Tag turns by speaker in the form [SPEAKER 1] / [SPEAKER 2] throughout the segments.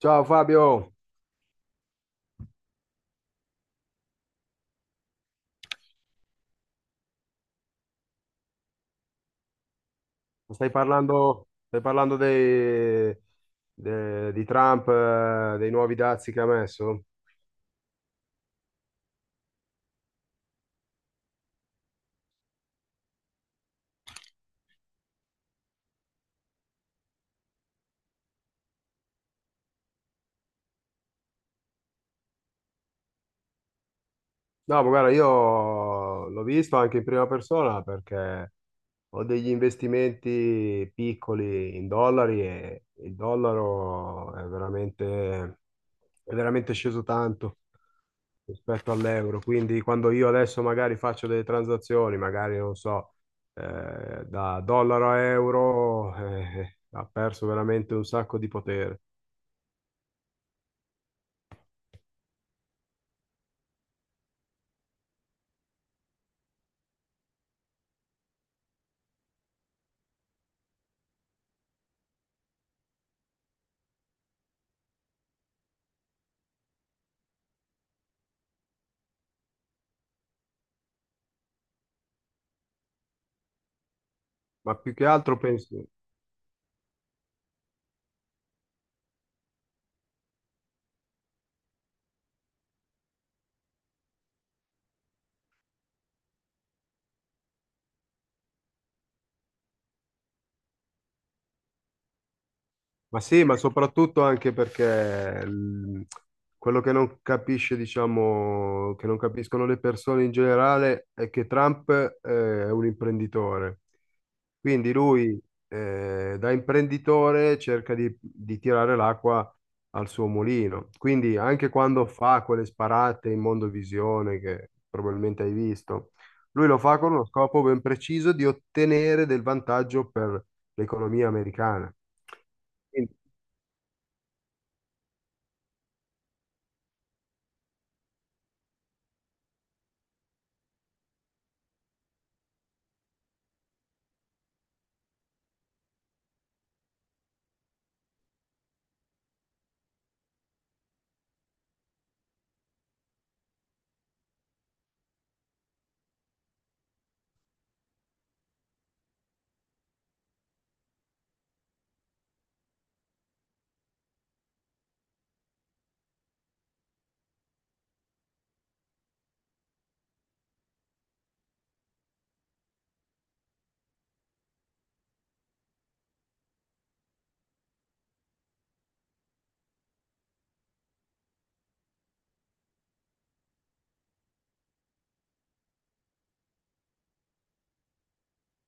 [SPEAKER 1] Ciao Fabio, stai parlando dei- de- di Trump, dei nuovi dazi che ha messo? No, ma guarda, io l'ho visto anche in prima persona perché ho degli investimenti piccoli in dollari e il dollaro è è veramente sceso tanto rispetto all'euro. Quindi quando io adesso magari faccio delle transazioni, magari non so, da dollaro a euro, ha perso veramente un sacco di potere. Ma più che altro penso. Ma sì, ma soprattutto anche perché quello che non capisce, diciamo, che non capiscono le persone in generale è che Trump è un imprenditore. Quindi lui, da imprenditore, cerca di tirare l'acqua al suo mulino. Quindi anche quando fa quelle sparate in Mondovisione, che probabilmente hai visto, lui lo fa con uno scopo ben preciso di ottenere del vantaggio per l'economia americana. Sì.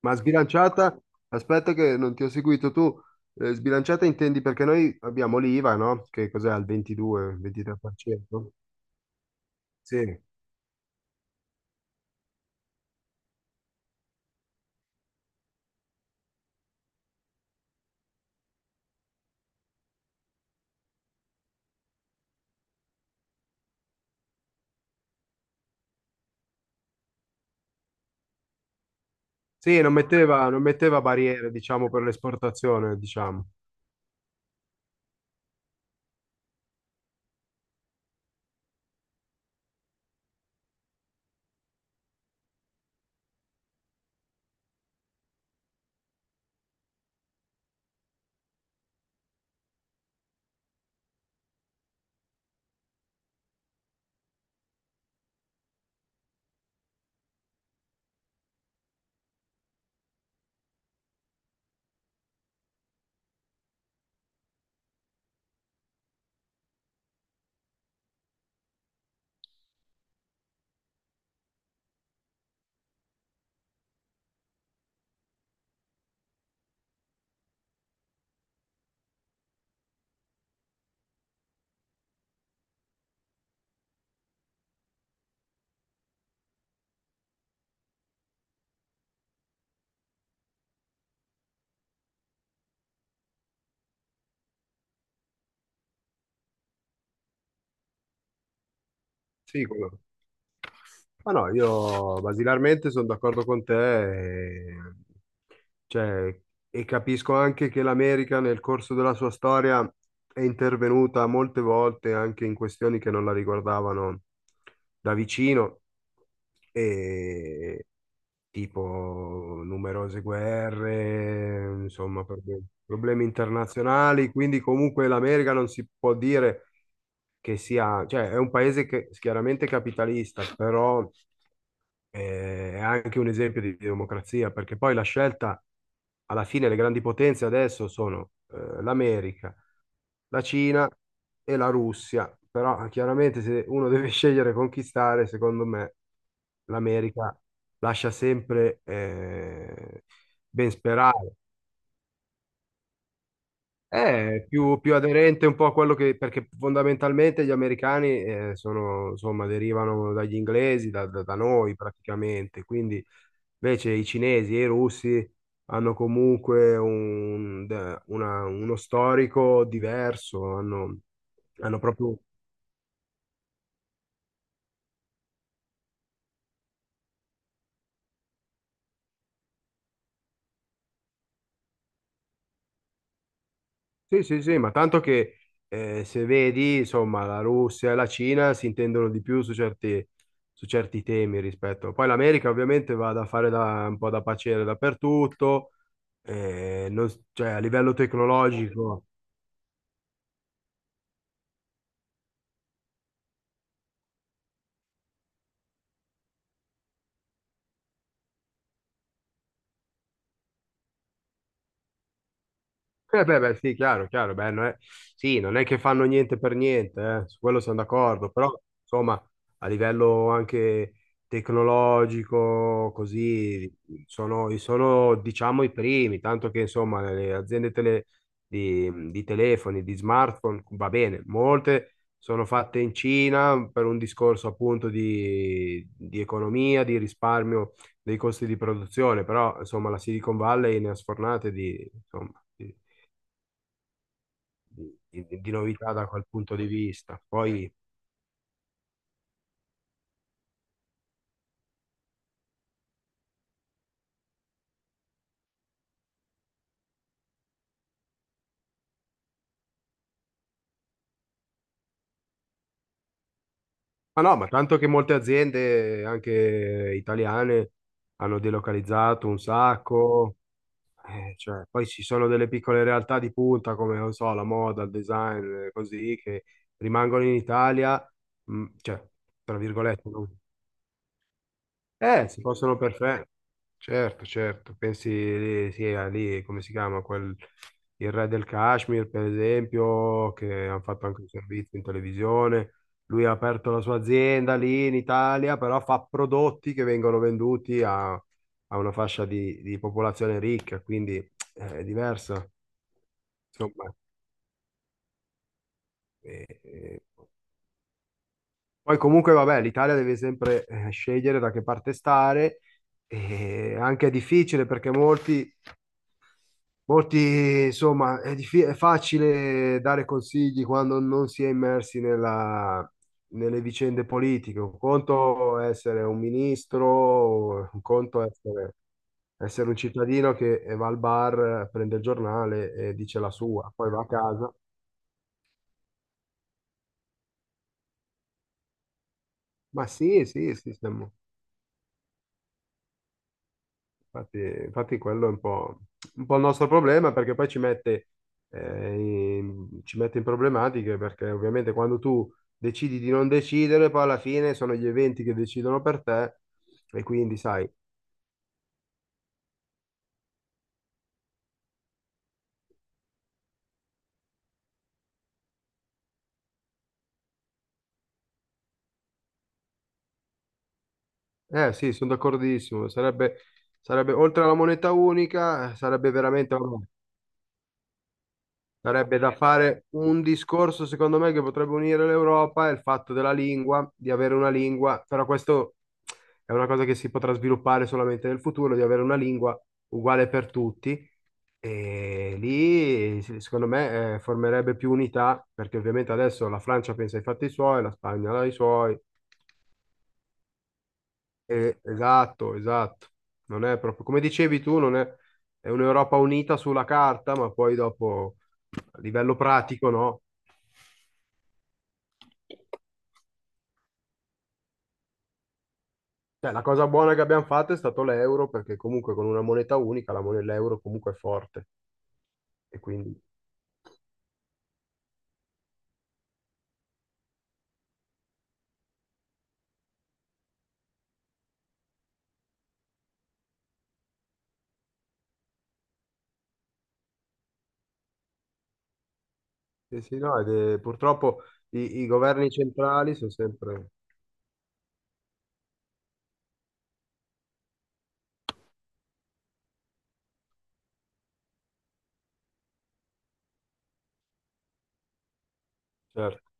[SPEAKER 1] Ma sbilanciata, aspetta che non ti ho seguito tu, sbilanciata intendi perché noi abbiamo l'IVA, no? Che cos'è al 22-23%? Sì, sì, non metteva barriere, diciamo, per l'esportazione, diciamo. Sì, come no. Ma no, io basilarmente sono d'accordo con te cioè, e capisco anche che l'America nel corso della sua storia è intervenuta molte volte anche in questioni che non la riguardavano da vicino, tipo numerose guerre, insomma, problemi internazionali, quindi comunque l'America non si può dire che sia, cioè è un paese che chiaramente è capitalista, però è anche un esempio di democrazia, perché poi la scelta, alla fine le grandi potenze adesso sono l'America, la Cina e la Russia, però chiaramente se uno deve scegliere e conquistare, secondo me l'America lascia sempre ben sperare. È più aderente un po' a quello che, perché fondamentalmente gli americani sono, insomma, derivano dagli inglesi, da noi praticamente, quindi invece i cinesi e i russi hanno comunque uno storico diverso, hanno, hanno proprio... Sì, sì, sì, ma tanto che se vedi, insomma, la Russia e la Cina si intendono di più su su certi temi rispetto... Poi l'America ovviamente va da fare da, un po' da paciere dappertutto, eh, non- cioè a livello tecnologico... Eh beh, beh, sì, chiaro, chiaro, beh, non è- sì, non è che fanno niente per niente, su quello siamo d'accordo, però insomma a livello anche tecnologico, così, sono diciamo i primi, tanto che insomma le aziende di telefoni, di smartphone, va bene, molte sono fatte in Cina per un discorso appunto di economia, di risparmio dei costi di produzione, però insomma la Silicon Valley ne ha sfornate di... insomma, di novità da quel punto di vista. Poi, ma no, ma tanto che molte aziende, anche italiane, hanno delocalizzato un sacco, cioè, poi ci sono delle piccole realtà di punta come, non so, la moda, il design, così, che rimangono in Italia, cioè, tra virgolette, no? Eh sì, possono perfetto, certo, certo. Pensi lì, sì, a lì, come si chiama? Quel, il re del Kashmir, per esempio, che hanno fatto anche un servizio in televisione. Lui ha aperto la sua azienda lì in Italia, però fa prodotti che vengono venduti a, a una fascia di popolazione ricca, quindi è diversa. Insomma, eh, eh, poi comunque vabbè, l'Italia deve sempre scegliere da che parte stare e anche è difficile perché molti insomma, è facile dare consigli quando non si è immersi nelle vicende politiche. Un conto è essere un ministro, un conto è essere un cittadino che va al bar, prende il giornale e dice la sua, poi va a casa. Ma sì, sì, sì, siamo... Infatti, infatti quello è un po' il nostro problema perché poi ci mette, eh, ci mette in problematiche perché ovviamente quando tu decidi di non decidere, poi alla fine sono gli eventi che decidono per te e quindi sai, eh sì, sono d'accordissimo, sarebbe, sarebbe oltre alla moneta unica, sarebbe veramente... Sarebbe da fare un discorso, secondo me, che potrebbe unire l'Europa è il fatto della lingua, di avere una lingua, però questo è una cosa che si potrà sviluppare solamente nel futuro, di avere una lingua uguale per tutti e lì, sì, secondo me, formerebbe più unità, perché ovviamente adesso la Francia pensa ai fatti suoi, la Spagna ai suoi. E esatto, esatto. Non è proprio, come dicevi tu, non è, è un'Europa unita sulla carta, ma poi dopo a livello pratico no. Cioè, la cosa buona che abbiamo fatto è stato l'euro, perché comunque con una moneta unica la moneta l'euro comunque è forte. E quindi, sì, sì, no, purtroppo i governi centrali sono sempre... Certo.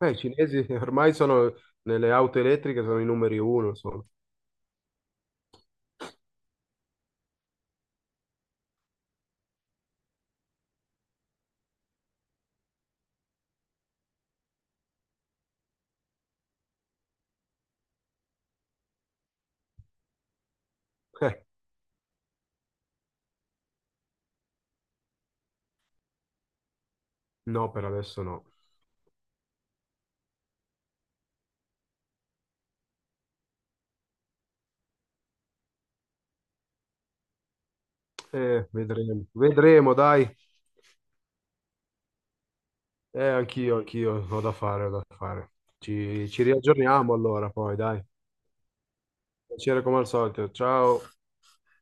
[SPEAKER 1] Beh, i cinesi ormai sono nelle auto elettriche, sono i numeri uno, insomma. Eh, no, per adesso no. Vedremo, vedremo, dai. Anch'io, anch'io, ho da fare, ho da fare. Ci riaggiorniamo allora, poi, dai. Piacere come al solito. Ciao.